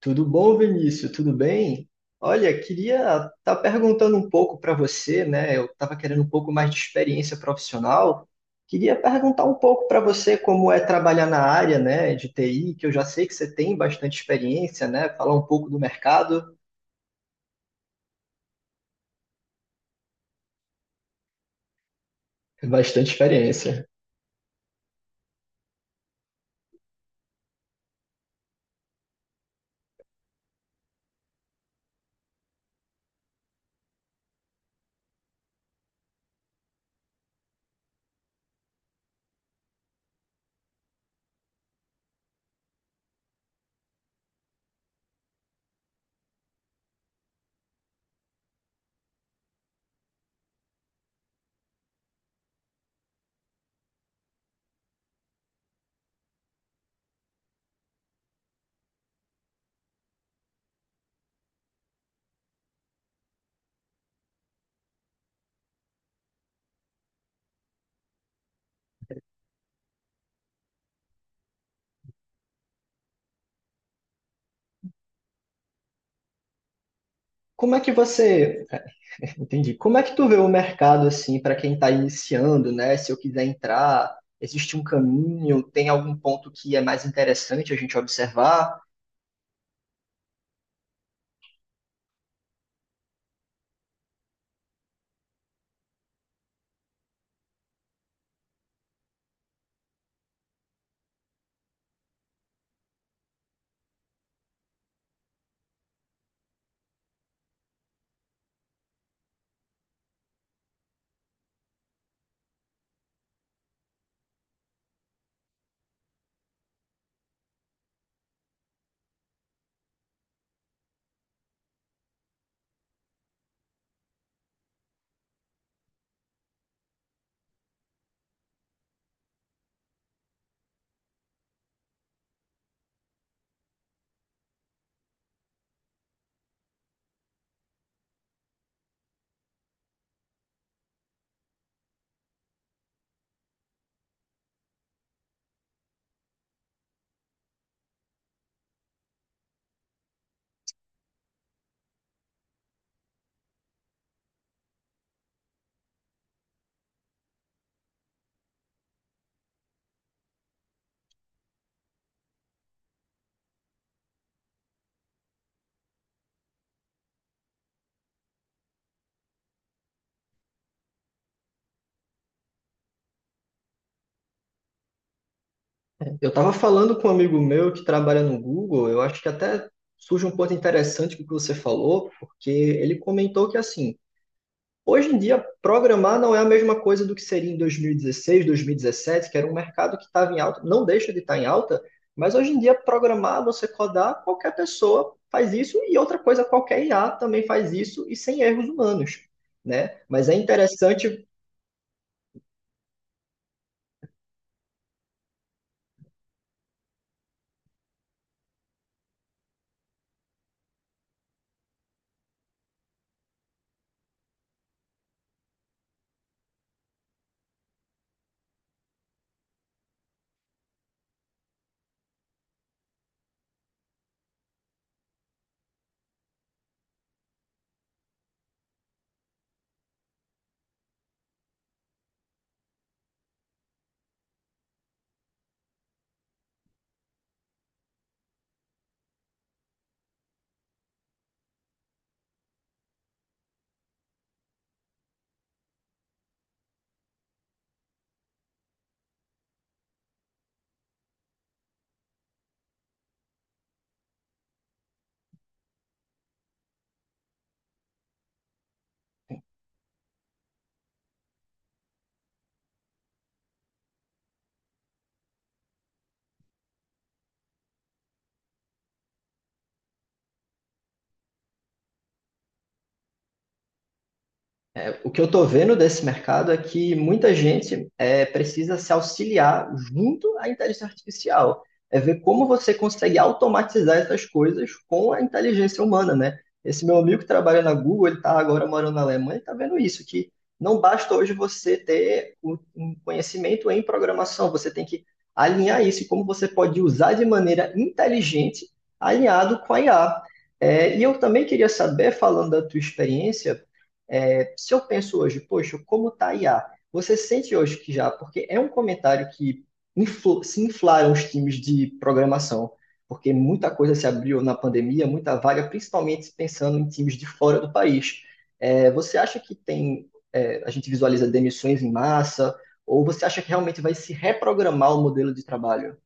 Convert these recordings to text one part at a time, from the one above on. Tudo bom, Vinícius? Tudo bem? Olha, queria estar tá perguntando um pouco para você, né? Eu estava querendo um pouco mais de experiência profissional. Queria perguntar um pouco para você como é trabalhar na área, né, de TI, que eu já sei que você tem bastante experiência, né? Falar um pouco do mercado, bastante experiência. Como é que você, entendi? Como é que tu vê o mercado assim para quem está iniciando, né? Se eu quiser entrar, existe um caminho? Tem algum ponto que é mais interessante a gente observar? Eu estava falando com um amigo meu que trabalha no Google, eu acho que até surge um ponto interessante com o que você falou, porque ele comentou que, assim, hoje em dia, programar não é a mesma coisa do que seria em 2016, 2017, que era um mercado que estava em alta, não deixa de estar em alta, mas hoje em dia, programar, você codar, qualquer pessoa faz isso, e outra coisa, qualquer IA também faz isso, e sem erros humanos, né? Mas é interessante o que eu estou vendo desse mercado é que muita gente é, precisa se auxiliar junto à inteligência artificial. É ver como você consegue automatizar essas coisas com a inteligência humana, né? Esse meu amigo que trabalha na Google, ele está agora morando na Alemanha, está vendo isso, que não basta hoje você ter um conhecimento em programação, você tem que alinhar isso e como você pode usar de maneira inteligente, alinhado com a IA. É, e eu também queria saber, falando da tua experiência, é, se eu penso hoje, poxa, como tá a IA? Você sente hoje que já, porque é um comentário que se inflaram os times de programação, porque muita coisa se abriu na pandemia, muita vaga, principalmente pensando em times de fora do país. É, você acha que tem, é, a gente visualiza demissões em massa, ou você acha que realmente vai se reprogramar o modelo de trabalho?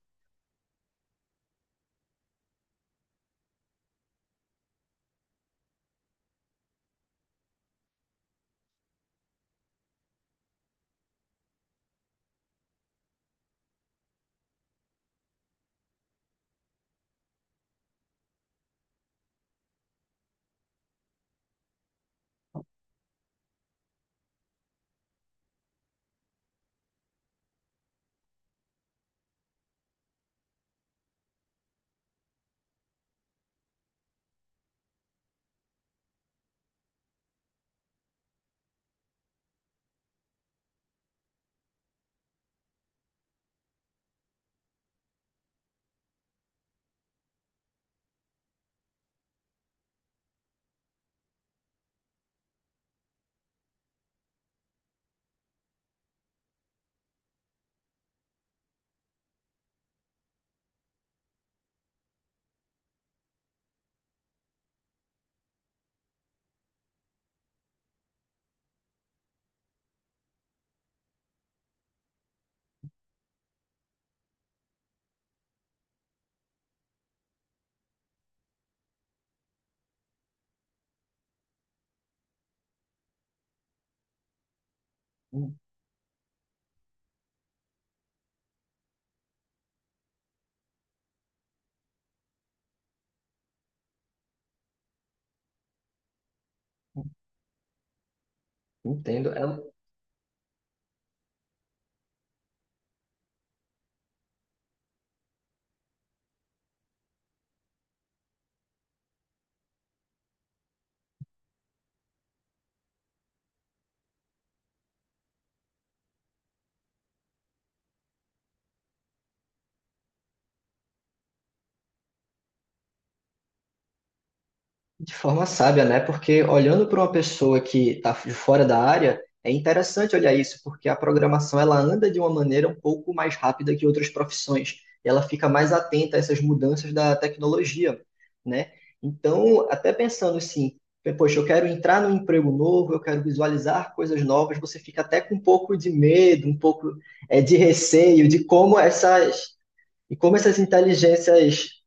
Hum. Entendo. É um, de forma sábia, né? Porque olhando para uma pessoa que está de fora da área, é interessante olhar isso, porque a programação ela anda de uma maneira um pouco mais rápida que outras profissões, e ela fica mais atenta a essas mudanças da tecnologia, né? Então, até pensando assim, poxa, eu quero entrar num emprego novo, eu quero visualizar coisas novas, você fica até com um pouco de medo, um pouco de receio de como essas inteligências.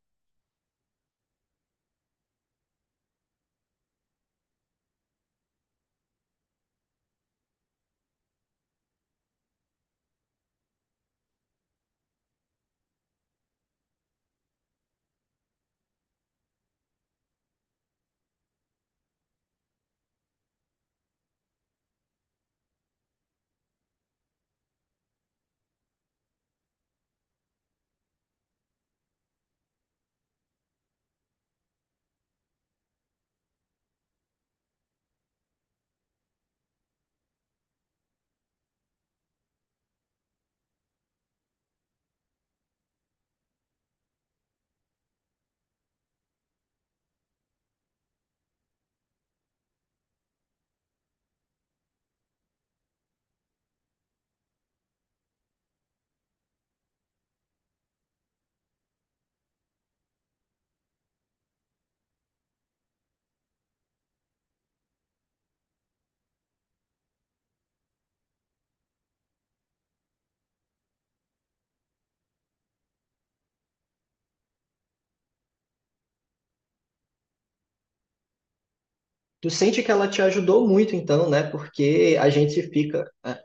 Tu sente que ela te ajudou muito, então, né? Porque a gente fica, né?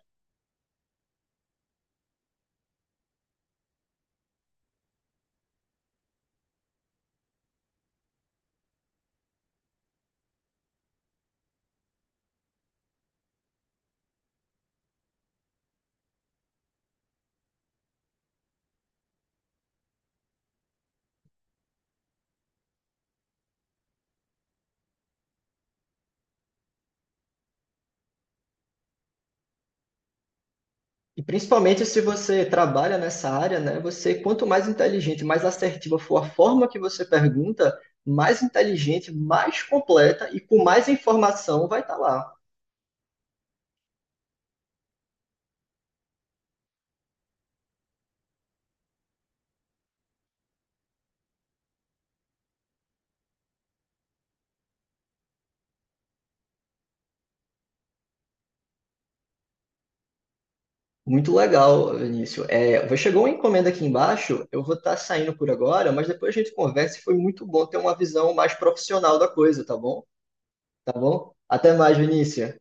E principalmente se você trabalha nessa área, né? Você, quanto mais inteligente, mais assertiva for a forma que você pergunta, mais inteligente, mais completa e com mais informação vai estar lá. Muito legal, Vinícius. É, chegou uma encomenda aqui embaixo, eu vou estar saindo por agora, mas depois a gente conversa e foi muito bom ter uma visão mais profissional da coisa, tá bom? Tá bom? Até mais, Vinícius.